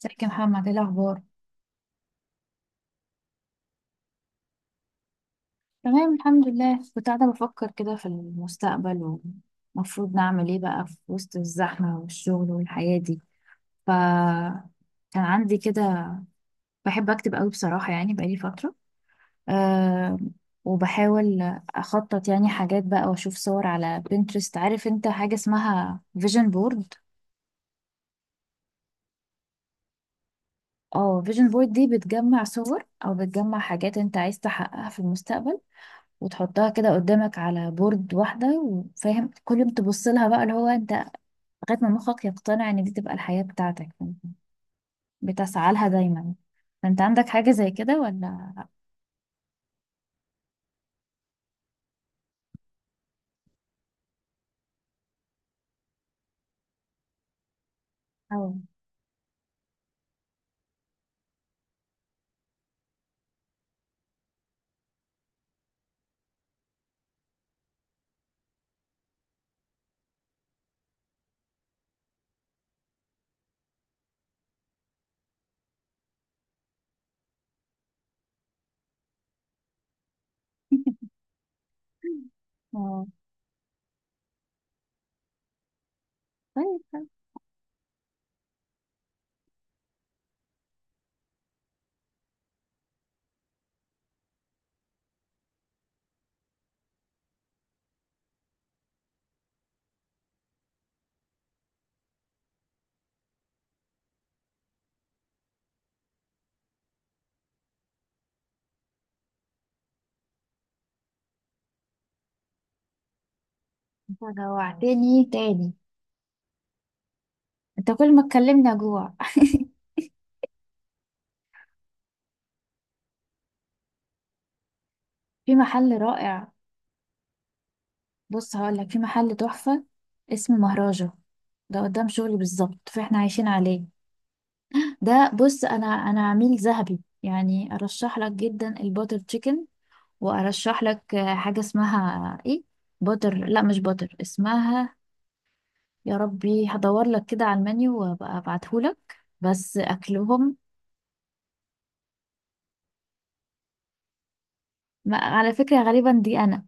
ازيك يا محمد؟ ايه الاخبار؟ تمام الحمد لله. كنت قاعده بفكر كده في المستقبل، ومفروض نعمل ايه بقى في وسط الزحمه والشغل والحياه دي. ف كان عندي كده، بحب اكتب قوي بصراحه، يعني بقالي فتره. أه وبحاول اخطط يعني حاجات بقى واشوف صور على بنترست. عارف انت حاجه اسمها فيجن بورد؟ اه، فيجن بورد دي بتجمع صور او بتجمع حاجات انت عايز تحققها في المستقبل، وتحطها كده قدامك على بورد واحدة وفاهم كل يوم تبص لها بقى اللي هو انت، لغاية ما مخك يقتنع ان دي تبقى الحياة بتاعتك فانت بتسعى لها دايما. فانت عندك حاجة زي كده ولا؟ أو. اه، طيب. طيب. انت جوعتني تاني. انت كل ما تكلمني اجوع. في محل رائع. بص هقول لك في محل تحفة، اسمه مهراجة. ده قدام شغلي بالظبط فاحنا عايشين عليه. ده بص انا عميل ذهبي، يعني ارشح لك جدا الباتر تشيكن، وارشح لك حاجه اسمها ايه. باتر، لا مش باتر اسمها. يا ربي هدور لك كده على المنيو وابقى ابعتهولك، بس اكلهم. ما على فكره غالبا دي انا.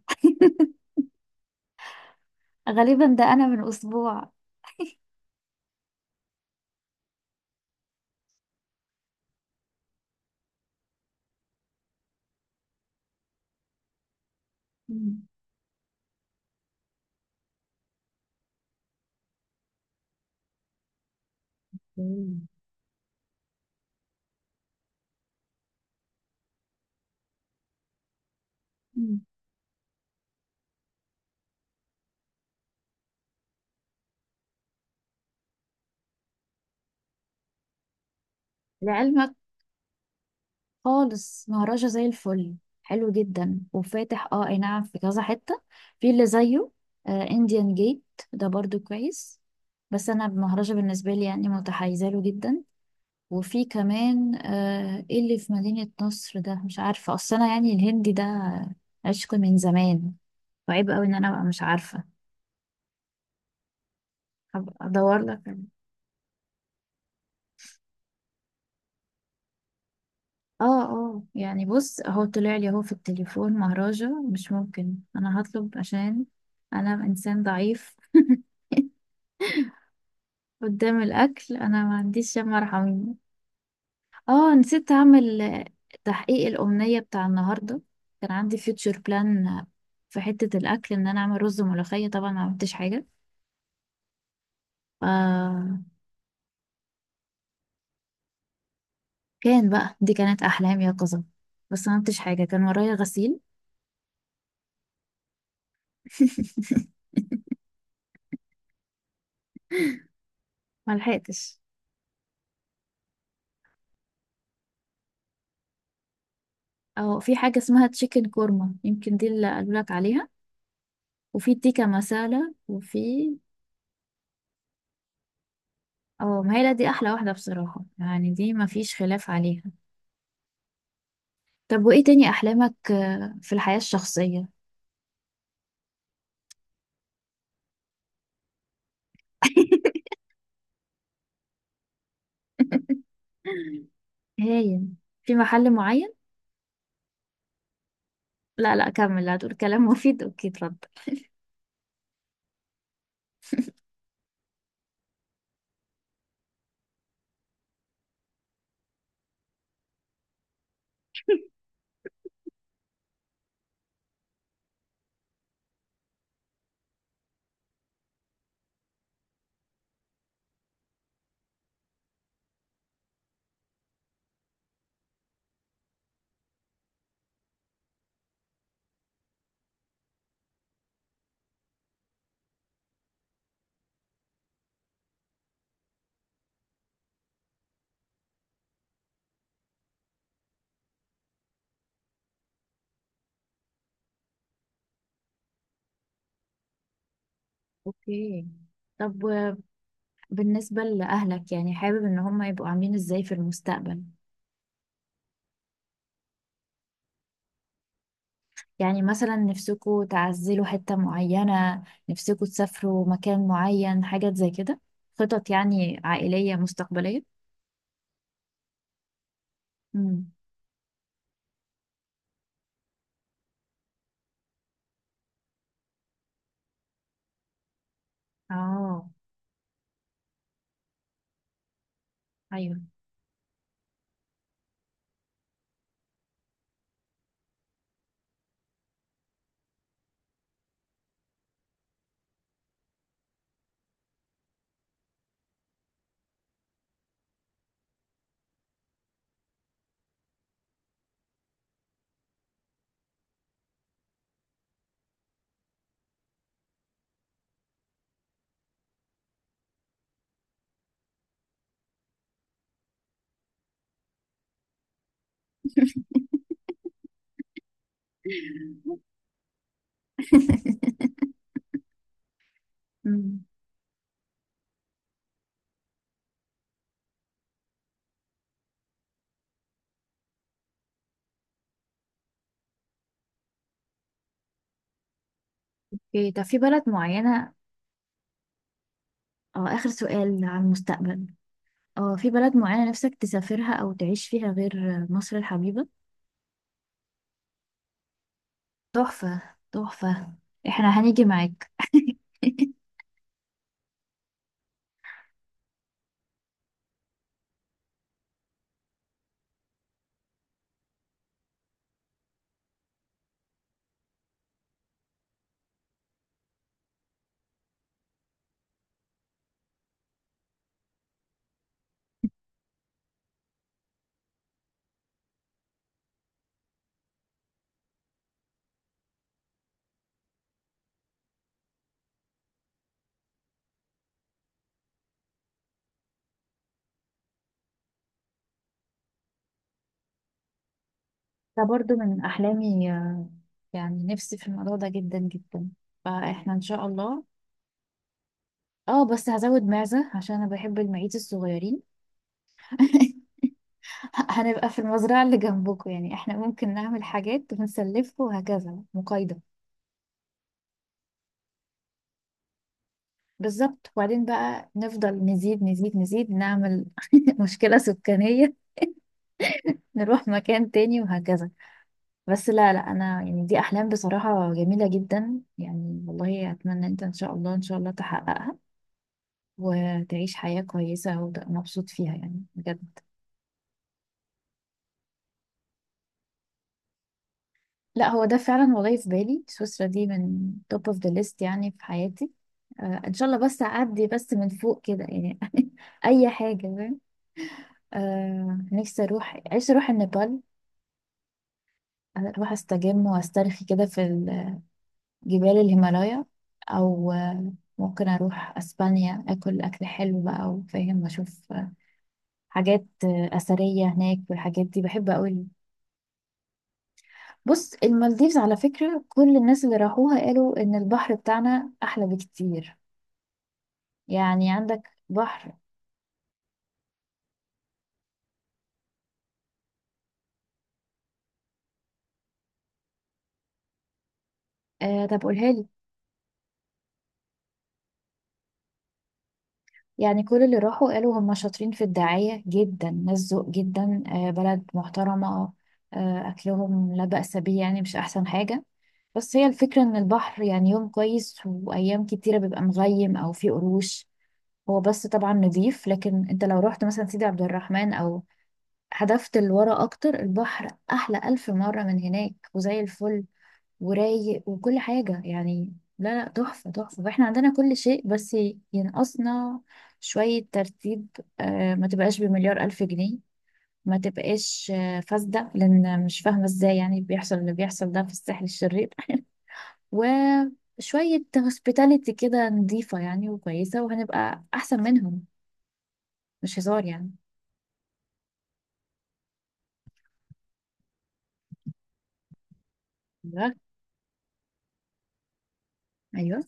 غالبا ده انا من اسبوع. مم. مم. مم. لعلمك خالص مهرجة زي الفل، حلو جدا وفاتح. اه اي نعم، في كذا حتة في اللي زيه. انديان جيت ده برضو كويس، بس انا مهرجة بالنسبة لي يعني متحيزة له جدا. وفي كمان إيه اللي في مدينة نصر ده؟ مش عارفة. اصل انا يعني الهندي ده عشق من زمان، وعيب قوي ان انا ابقى مش عارفة. هبقى ادور لك. اه اه، يعني بص اهو طلع لي اهو في التليفون مهرجة مش ممكن انا هطلب، عشان انا انسان ضعيف. قدام الأكل أنا ما عنديش يا مرحمين. اه نسيت أعمل تحقيق الأمنية بتاع النهاردة. كان عندي فيوتشر بلان في حتة الأكل، إن أنا أعمل رز وملوخية، طبعا ما عملتش حاجة. ف كان بقى دي كانت أحلام يقظة، بس ما عملتش حاجة، كان ورايا غسيل. ملحقتش. أو في حاجة اسمها تشيكن كورما، يمكن دي اللي قالولك عليها. وفي تيكا مسالة، وفي. اه، ما هي لا دي أحلى واحدة بصراحة، يعني دي ما فيش خلاف عليها. طب وإيه تاني أحلامك في الحياة الشخصية؟ هايل. في محل معين؟ لا لا، كمل هتقول كلام مفيد، أوكي اتفضل. أوكي طب بالنسبة لأهلك، يعني حابب إن هم يبقوا عاملين إزاي في المستقبل؟ يعني مثلا نفسكوا تعزلوا حتة معينة، نفسكوا تسافروا مكان معين، حاجات زي كده. خطط يعني عائلية مستقبلية؟ امم. اه. ايوه. امم. اوكي طب في بلد معينة. اه آخر سؤال عن المستقبل. اه في بلد معينة نفسك تسافرها أو تعيش فيها غير مصر الحبيبة؟ تحفة. تحفة. احنا هنيجي معاك. ده برضو من أحلامي، يعني نفسي في الموضوع ده جدا جدا. فاحنا إن شاء الله. اه بس هزود معزة، عشان أنا بحب المعيز الصغيرين. هنبقى في المزرعة اللي جنبكم، يعني احنا ممكن نعمل حاجات ونسلفكم وهكذا، مقايضة. بالظبط. وبعدين بقى نفضل نزيد نزيد نزيد، نعمل مشكلة سكانية، نروح مكان تاني وهكذا. بس لا لا، أنا يعني دي أحلام بصراحة جميلة جدا، يعني والله أتمنى أنت إن شاء الله، إن شاء الله تحققها، وتعيش حياة كويسة وتبقى مبسوط فيها يعني بجد. لا هو ده فعلا، والله في بالي سويسرا دي من توب اوف ذا ليست يعني في حياتي. آه إن شاء الله، بس أعدي بس من فوق كده يعني. أي حاجة فاهم. آه نفسي أروح، عايزة أروح النيبال، اروح استجم واسترخي كده في جبال الهيمالايا. او ممكن اروح اسبانيا، اكل اكل حلو بقى، وفاهم اشوف حاجات اثريه هناك. والحاجات دي بحب قوي. بص المالديفز على فكره، كل الناس اللي راحوها قالوا ان البحر بتاعنا احلى بكتير، يعني عندك بحر. آه طب قولها لي. يعني كل اللي راحوا قالوا هم شاطرين في الدعايه جدا، ناس ذوق جدا، بلد محترمه، آه اكلهم لا بأس به، يعني مش احسن حاجه. بس هي الفكرة ان البحر يعني يوم كويس وايام كتيرة بيبقى مغيم او فيه قروش. هو بس طبعا نضيف، لكن انت لو رحت مثلا سيدي عبد الرحمن او هدفت لورا اكتر، البحر احلى الف مرة من هناك وزي الفل، ورايق وكل حاجة يعني. لا لا تحفة. تحفة. واحنا عندنا كل شيء، بس ينقصنا شوية ترتيب. ما تبقاش بمليار الف جنيه، ما تبقاش فاسدة، لان مش فاهمة ازاي يعني بيحصل اللي بيحصل ده في الساحل الشرير. وشوية هوسبيتاليتي كده نظيفة يعني وكويسة، وهنبقى أحسن منهم. مش هزار يعني. بجد؟ أيوه.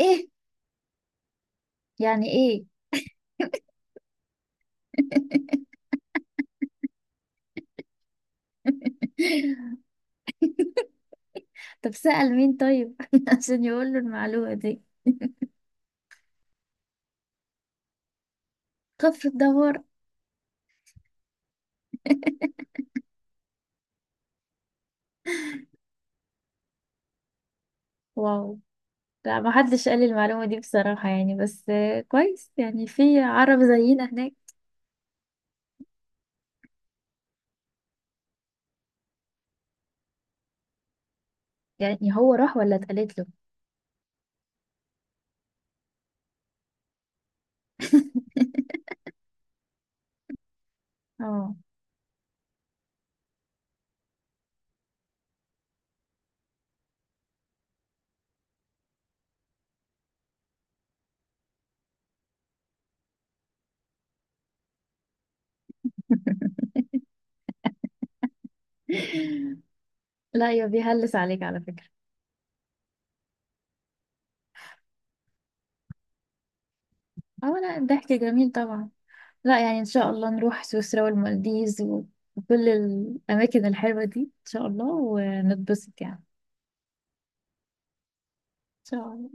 إيه؟ يعني إيه؟ طب سأل مين طيب عشان يقول له المعلومة دي؟ كفر الدوار؟ واو. لا ما حدش قال لي المعلومة دي بصراحة، يعني بس كويس يعني في عرب زينا هناك. يعني هو راح ولا اتقالت له؟ اه. لا يا بيهلس عليك على فكرة. اه لا الضحك جميل طبعا. لا يعني ان شاء الله نروح سويسرا والمالديز، وكل الاماكن الحلوة دي ان شاء الله، ونتبسط يعني ان شاء الله.